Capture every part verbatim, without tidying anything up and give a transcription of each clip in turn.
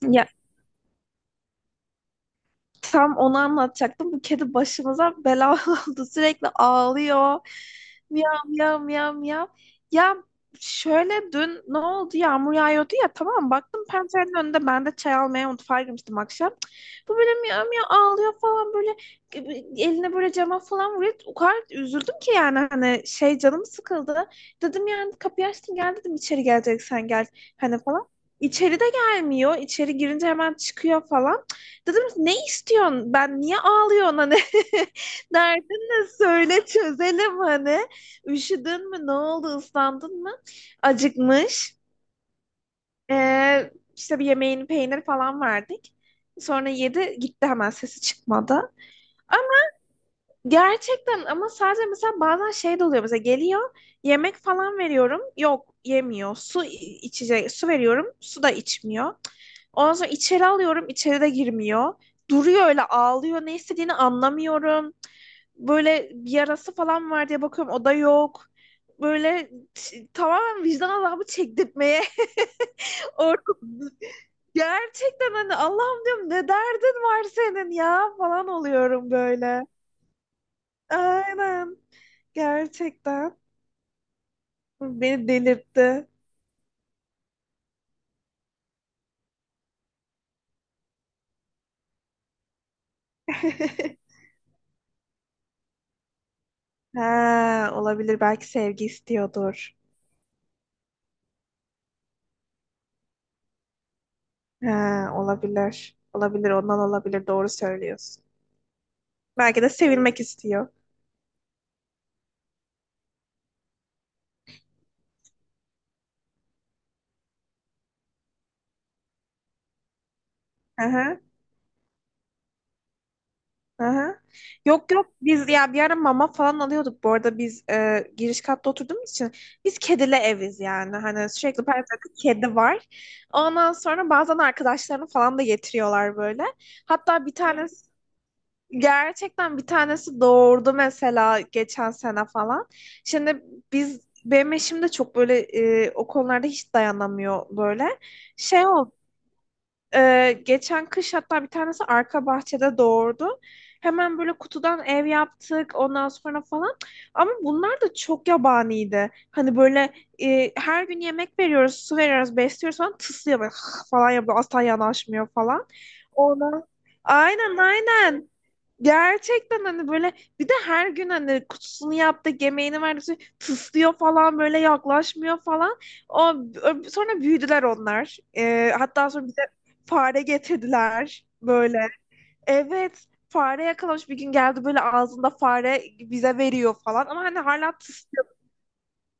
Ya tam onu anlatacaktım. Bu kedi başımıza bela oldu. Sürekli ağlıyor. Miyav miyav miyav miyav. Ya şöyle dün ne oldu? Yağmur yağıyordu ya, tamam, baktım pencerenin önünde. Ben de çay almaya mutfağa girmiştim akşam. Bu böyle miyav miyav ağlıyor falan, böyle eline böyle cama falan vuruyor. O kadar üzüldüm ki yani, hani şey, canım sıkıldı. Dedim yani, kapıyı açtım, gel dedim, içeri geleceksen gel hani falan. İçeri de gelmiyor. İçeri girince hemen çıkıyor falan. Dedim ne istiyorsun? Ben niye ağlıyorsun hani? Derdin ne? Söyle çözelim hani. Üşüdün mü? Ne oldu? Islandın mı? Acıkmış. Ee, işte bir yemeğini peynir falan verdik. Sonra yedi gitti, hemen sesi çıkmadı. Gerçekten, ama sadece mesela bazen şey de oluyor. Mesela geliyor, yemek falan veriyorum. Yok, yemiyor. Su i- içecek, su veriyorum. Su da içmiyor. Ondan sonra içeri alıyorum. İçeri de girmiyor. Duruyor öyle, ağlıyor. Ne istediğini anlamıyorum. Böyle bir yarası falan var diye bakıyorum. O da yok. Böyle t- tamamen vicdan azabı çektirtmeye orada, gerçekten hani Allah'ım diyorum, ne derdin var senin ya falan oluyorum böyle. Aynen. Gerçekten beni delirtti. Ha, olabilir. Belki sevgi istiyordur. Ha, olabilir. Olabilir. Ondan olabilir. Doğru söylüyorsun. Belki de sevilmek istiyor. Aha, aha. Yok yok, biz ya bir ara mama falan alıyorduk. Bu arada biz e, giriş katta oturduğumuz için biz kedili eviz yani. Hani sürekli her tarafta kedi var. Ondan sonra bazen arkadaşlarını falan da getiriyorlar böyle. Hatta bir tane Gerçekten bir tanesi doğurdu mesela, geçen sene falan. Şimdi biz, benim eşim de çok böyle e, o konularda hiç dayanamıyor böyle. Şey oldu. e, geçen kış hatta bir tanesi arka bahçede doğurdu. Hemen böyle kutudan ev yaptık, ondan sonra falan. Ama bunlar da çok yabaniydi. Hani böyle e, her gün yemek veriyoruz, su veriyoruz, besliyoruz falan, tıslıyor böyle, falan yapıyor. Asla yanaşmıyor falan. Ona Aynen aynen. Gerçekten hani böyle, bir de her gün hani kutusunu yaptı, yemeğini verdik, tıslıyor falan, böyle yaklaşmıyor falan. O, ö- sonra büyüdüler onlar. Ee, hatta sonra bize fare getirdiler böyle. Evet, fare yakalamış. Bir gün geldi böyle ağzında fare, bize veriyor falan. Ama hani hala tıslıyor.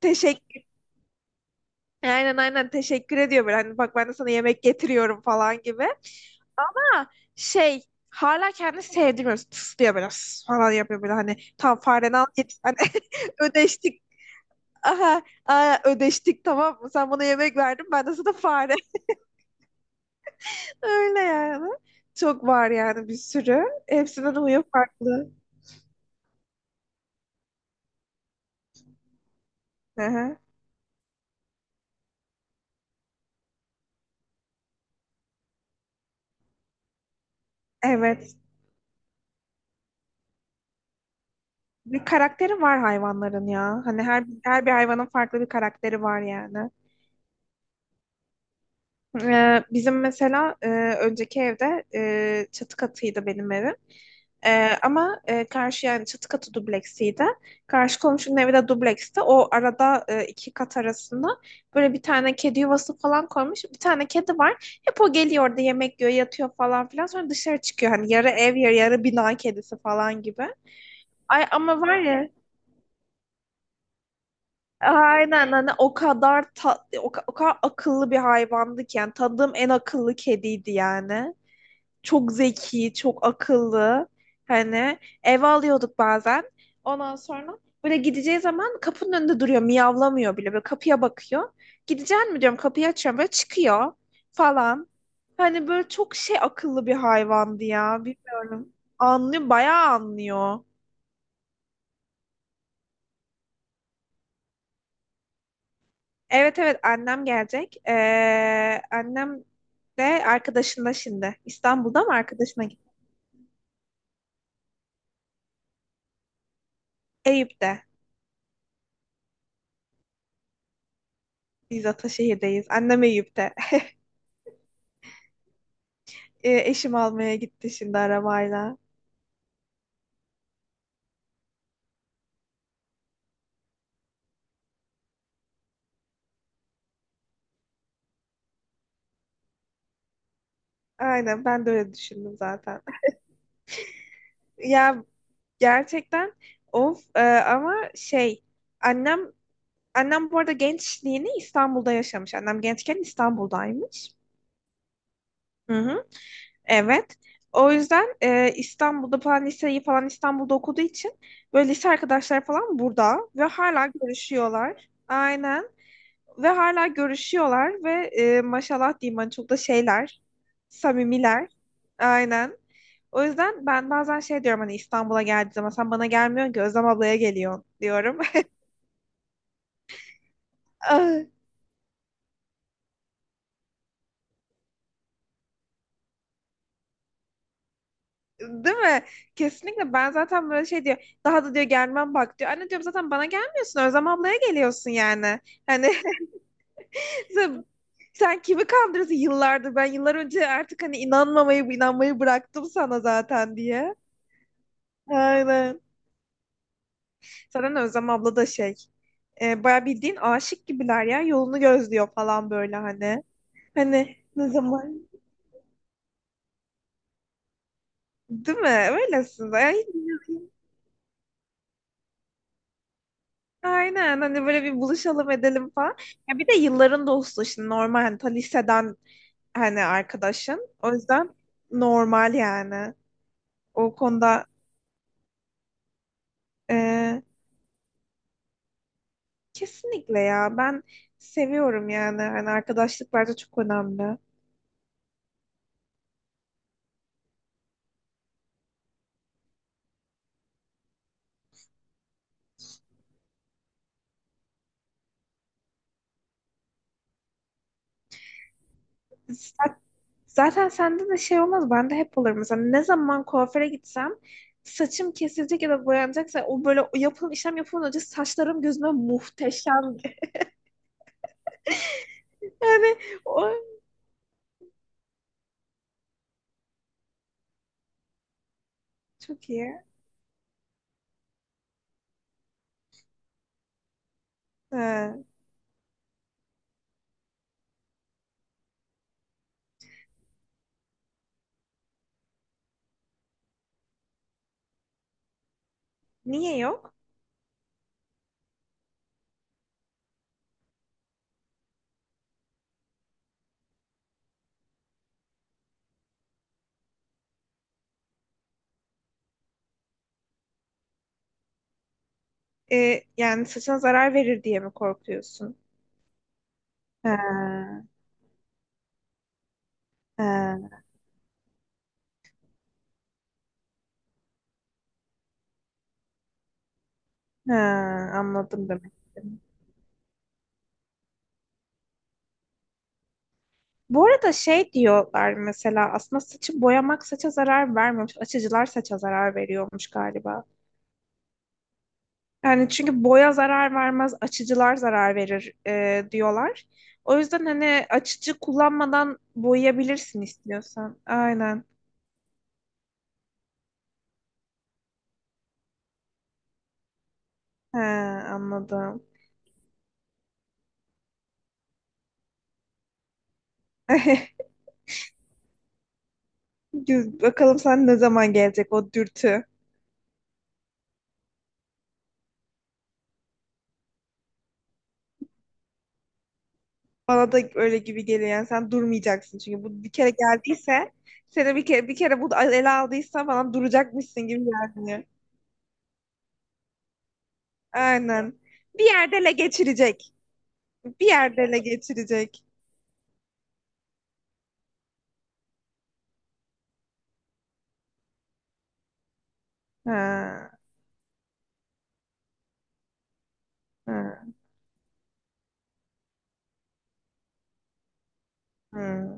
Teşekkür, aynen aynen teşekkür ediyor böyle, hani bak ben de sana yemek getiriyorum falan gibi. Ama şey, hala kendini sevdirmiyor. Tıslıyor biraz falan yapıyor böyle, hani tam fareden al git. Hani ödeştik. Aha, aa, ödeştik, tamam mı? Sen bana yemek verdin, ben de sana fare. Öyle yani. Çok var yani, bir sürü. Hepsinin huyu farklı. Aha, evet. Bir karakteri var hayvanların ya. Hani her, her bir hayvanın farklı bir karakteri var yani. Ee, bizim mesela e, önceki evde e, çatı katıydı benim evim. Ee, ama e, karşı yani, çatı katı dubleksiydi. Karşı komşunun evi de dubleksti. O arada e, iki kat arasında böyle bir tane kedi yuvası falan koymuş. Bir tane kedi var. Hep o geliyor orada, yemek yiyor, yatıyor falan filan. Sonra dışarı çıkıyor. Hani yarı ev, yarı, yarı bina kedisi falan gibi. Ay ama var ya, aynen, hani o kadar ta- o, ka- o kadar akıllı bir hayvandı ki yani, tanıdığım en akıllı kediydi yani. Çok zeki, çok akıllı. Hani eve alıyorduk bazen. Ondan sonra böyle gideceği zaman kapının önünde duruyor. Miyavlamıyor bile. Böyle kapıya bakıyor. Gideceğim mi diyorum, kapıyı açıyorum. Böyle çıkıyor falan. Hani böyle çok şey, akıllı bir hayvandı ya. Bilmiyorum. Anlıyor. Bayağı anlıyor. Evet evet, annem gelecek. Ee, annem de arkadaşında şimdi. İstanbul'da mı arkadaşına gitti? Eyüp'te. Biz Ataşehir'deyiz. Annem Eyüp'te. E, eşim almaya gitti şimdi arabayla. Aynen, ben de öyle düşündüm zaten. Ya gerçekten of, e, ama şey, annem annem bu arada gençliğini İstanbul'da yaşamış. Annem gençken İstanbul'daymış. Hı hı, evet. O yüzden e, İstanbul'da falan, liseyi falan İstanbul'da okuduğu için böyle lise arkadaşlar falan burada, ve hala görüşüyorlar. Aynen. Ve hala görüşüyorlar ve e, maşallah diyeyim, hani çok da şeyler, samimiler. Aynen. O yüzden ben bazen şey diyorum, hani İstanbul'a geldiği zaman sen bana gelmiyorsun ki, Özlem ablaya geliyorsun diyorum. Ah, değil mi? Kesinlikle, ben zaten böyle şey diyor. Daha da diyor gelmem bak diyor. Anne diyorum, zaten bana gelmiyorsun, Özlem ablaya geliyorsun yani. Hani sen, sen kimi kandırırsın yıllardır? Ben yıllar önce artık hani inanmamayı inanmayı bıraktım sana zaten, diye. Aynen. Zaten Özlem abla da şey. E, baya bildiğin aşık gibiler ya. Yolunu gözlüyor falan böyle hani. Hani ne zaman? Değil mi? Öylesin. Ay, aynen. Hani böyle, bir buluşalım edelim falan. Ya bir de yılların dostu şimdi, normal. Hani ta liseden hani arkadaşın. O yüzden normal yani. O konuda e, kesinlikle ya. Ben seviyorum yani. Hani arkadaşlık bence çok önemli. Sen Zaten sende de şey olmaz. Bende hep olur. Mesela ne zaman kuaföre gitsem, saçım kesilecek ya da boyanacaksa, o böyle, o yapılan işlem yapılmadan önce saçlarım gözüme muhteşem. Yani o çok iyi. Ha. Niye yok? Ee, yani saçına zarar verir diye mi korkuyorsun? Ha, ha, ha, anladım, demek istedim. Bu arada şey diyorlar mesela, aslında saçı boyamak saça zarar vermiyormuş. Açıcılar saça zarar veriyormuş galiba. Yani çünkü boya zarar vermez, açıcılar zarar verir e, diyorlar. O yüzden hani açıcı kullanmadan boyayabilirsin istiyorsan. Aynen. He, anladım. Güz- Bakalım sen ne zaman gelecek o dürtü. Bana da öyle gibi geliyor. Yani sen durmayacaksın, çünkü bu bir kere geldiyse, seni bir kere bir kere bu ele aldıysa, bana duracakmışsın gibi gelmiyor. Aynen. Bir yerde ele geçirecek. Bir yerde ele geçirecek. Ha, ha, ha.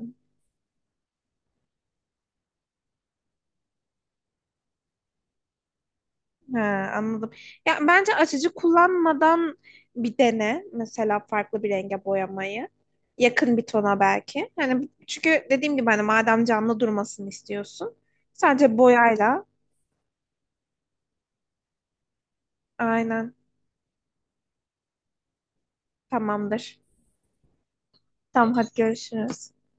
He, anladım. Ya bence açıcı kullanmadan bir dene, mesela farklı bir renge boyamayı. Yakın bir tona belki. Yani çünkü dediğim gibi, hani madem canlı durmasını istiyorsun, sadece boyayla. Aynen, tamamdır. Tamam, hadi görüşürüz.